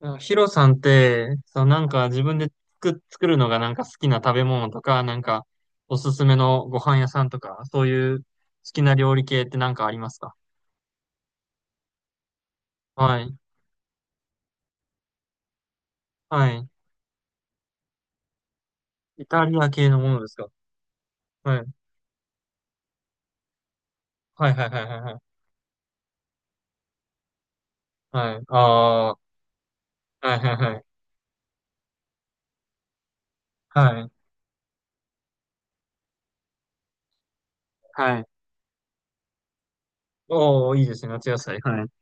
なんかヒロさんって、そう、なんか自分で作るのがなんか好きな食べ物とか、なんかおすすめのご飯屋さんとか、そういう好きな料理系ってなんかありますか？はい。はい。イタリア系のものですか？はい。はいはいはいはいはい。はい。ああ、はいはいはい。はい。はい。おー、いいですね。夏野菜。はい。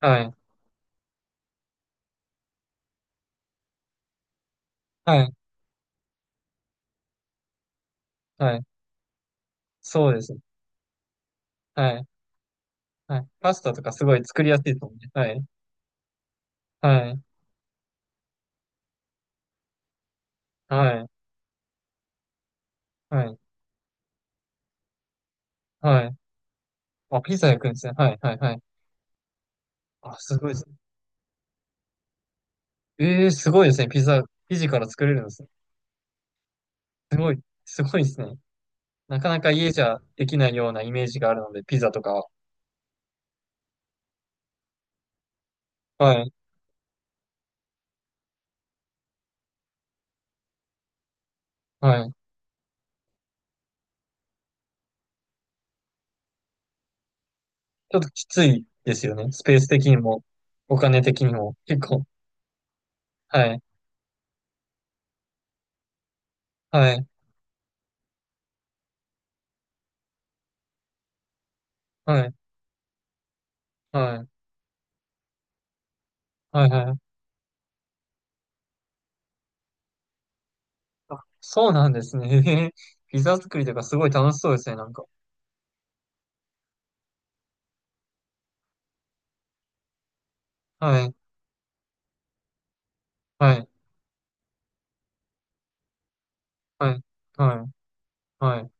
はい。はい。はい。そうですね。はい。はい。パスタとかすごい作りやすいと思うね。はい。はい。はい。はい。はい。あ、ピザ焼くんですね。はいはいはい。あ、すごいですね。ええ、すごいですね。ピザ、生地から作れるんですね。すごい、すごいですね。なかなか家じゃできないようなイメージがあるので、ピザとかは。はい、はい。ちょっときついですよね。スペース的にも、お金的にも、結構。はい、はい、はい、はい、はい、はい。あ、そうなんですね。へへ。ピザ作りとかすごい楽しそうですね、なんか。はい、はい、はい、はい、はい、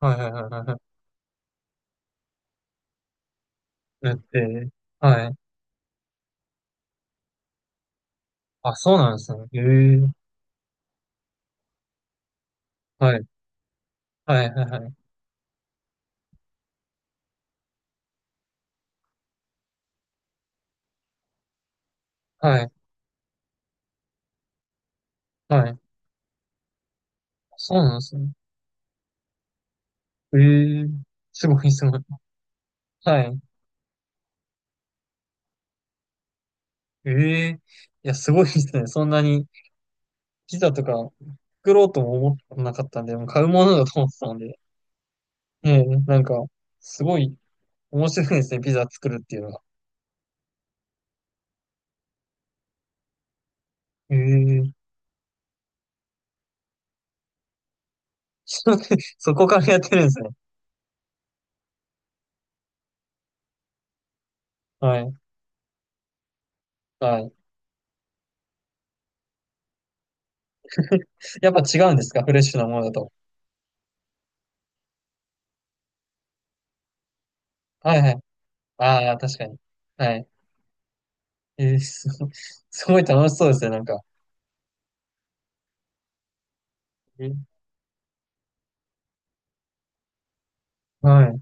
はい、はい、はい、はい。だって、はい。あ、そうなんですね。ええ。はい、はい、はい、はい。はいはい。そうなんですね。ええー、すごいすごい。はい。ええー、いや、すごいですね。そんなにピザとか作ろうとも思ってなかったんで、もう買うものだと思ってたので。ええ、なんか、すごい面白いですね。ピザ作るっていうのが。ええー そこからやってるんですね。はい。はい。やっぱ違うんですか？フレッシュなものだと。はいはい。ああ、確かに。はい。すごい、すごい楽しそうですね。なんか。えはい。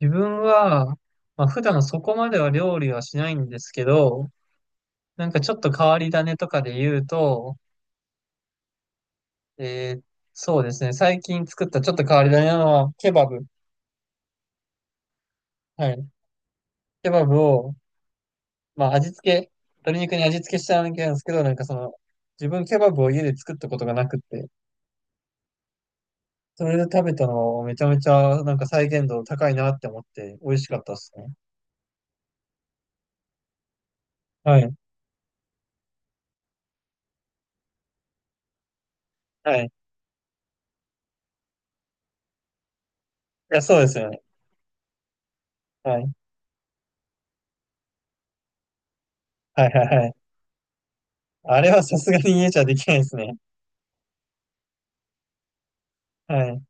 自分は、まあ、普段そこまでは料理はしないんですけど、なんかちょっと変わり種とかで言うと、えーそうですね、最近作ったちょっと変わり種なのは、ケバブ。はい。ケバブを、まあ味付け、鶏肉に味付けしたわけなんですけど、なんかその、自分ケバブを家で作ったことがなくって、それで食べたのをめちゃめちゃなんか再現度高いなって思って、美味しかったですね。はい。はい。いや、そうですよね。はい。はいはいはい。あれはさすがに家じゃできないですね。はい。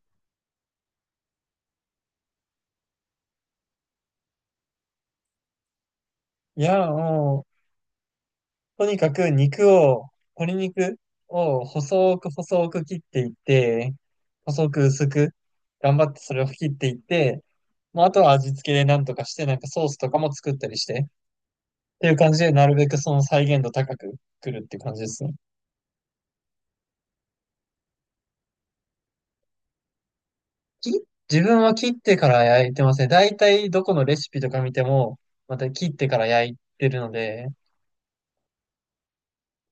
いや、もう、とにかく肉を、鶏肉を細く細く切っていって、細く薄く、頑張ってそれを切っていって、まあ、あとは味付けでなんとかして、なんかソースとかも作ったりして、っていう感じで、なるべくその再現度高く作るっていう感じですね。き自分は切ってから焼いてますね。だいたいどこのレシピとか見ても、また切ってから焼いてるので、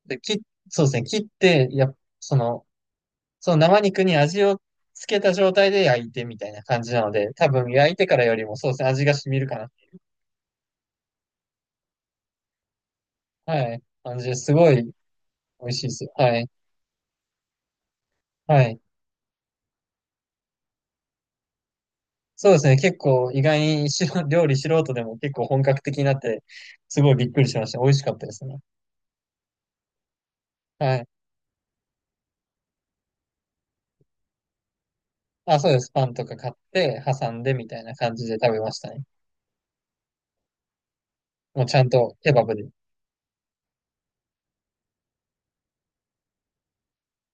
で、そうですね、切って、や、その、その生肉に味をつけた状態で焼いてみたいな感じなので、多分焼いてからよりもそうですね、味が染みるかな。はい。感じですすごい美味しいですよ。はい。はい。そうですね、結構意外にしろ料理素人でも結構本格的になって、すごいびっくりしました。美味しかったですね。はい。あ、そうです。パンとか買って、挟んでみたいな感じで食べましたね。もうちゃんとケバブで。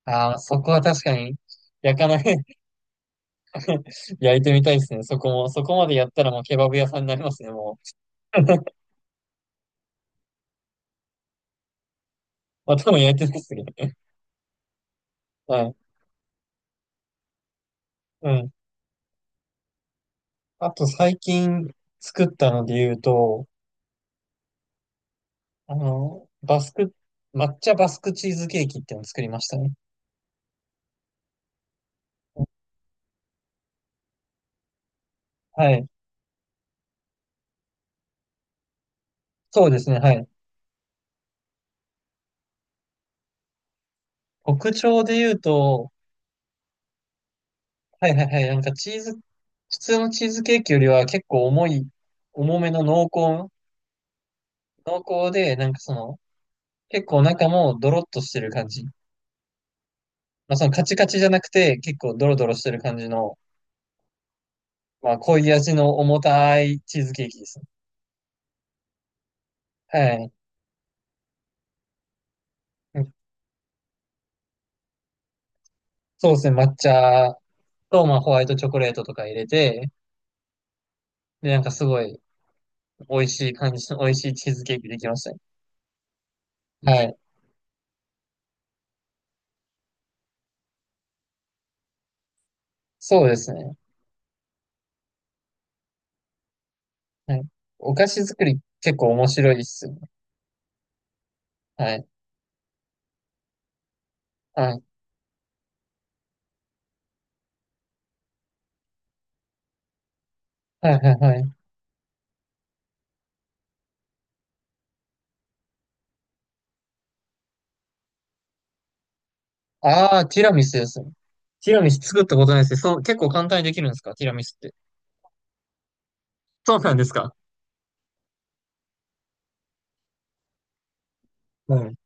ああ、そこは確かに、焼かない 焼いてみたいですね。そこも、そこまでやったらもうケバブ屋さんになりますね、もう。頭も焼いてないですけどね。はい。うん。あと最近作ったので言うと、あの、バスク、抹茶バスクチーズケーキっていうのを作りましたね。はい。そうですね。はい。特徴で言うと、はいはいはい。なんかチーズ、普通のチーズケーキよりは結構重い、重めの濃厚で、なんかその、結構中もドロッとしてる感じ。まあそのカチカチじゃなくて、結構ドロドロしてる感じの、まあ濃い味の重たいチーズケーキですね。はい。そうですね、抹茶と、まあ、ホワイトチョコレートとか入れて、で、なんかすごい美味しい感じの、美味しいチーズケーキできましたね。はい。そうですね。はい。お菓子作り結構面白いですよね。はい。はい。はい、はい、はい。ああ、ティラミスですね。ティラミス作ったことないですね。そう、結構簡単にできるんですか？ティラミスって。そうなんですか？はい。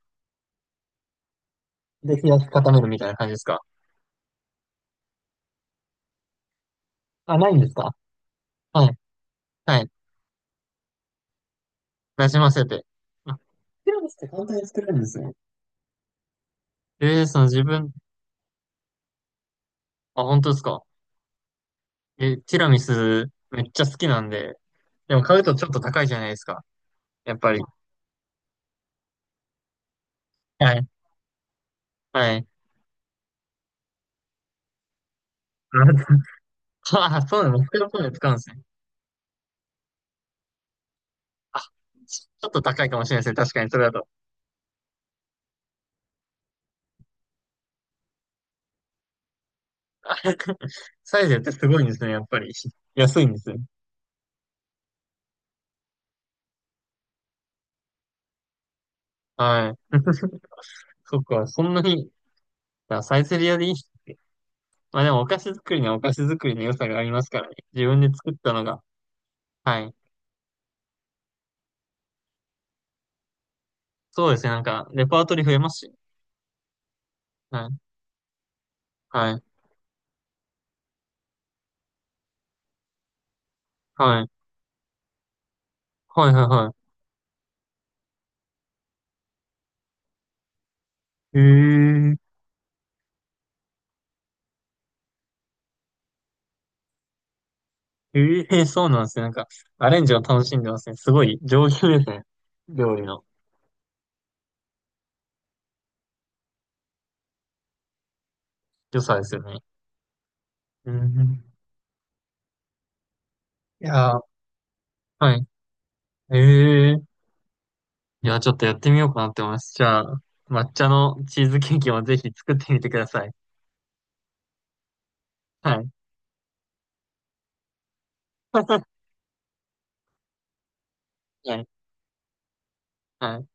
で、冷やし固めるみたいな感じですか？あ、ないんですか？はい。はい。なじませて。あ、ティラミスって簡単に作れるんですね。ええー、その自分、あ、本当ですか？ティラミスめっちゃ好きなんで、でも買うとちょっと高いじゃないですか。やっぱり。はい。はい。あ あ、そうなの、モスクワポンで使うんですね。あ、ちょっと高いかもしれないですね。確かに、それだと。あ サイゼってすごいんですね、やっぱり。安いんですね。はい。そっか、そんなに、あ、サイゼリアでいいっすね。まあでもお菓子作りにはお菓子作りの良さがありますからね。自分で作ったのが。はい。そうですね、なんか、レパートリー増えますし。はい。はい。はい。はい、はい、はい。へえ、ええ、そうなんですね。なんか、アレンジを楽しんでますね。すごい上級ですね。料理の良さですよね。うん。いやー、はい。ええ、いや、ちょっとやってみようかなって思います。じゃあ、抹茶のチーズケーキもぜひ作ってみてください。はい。はい。はい。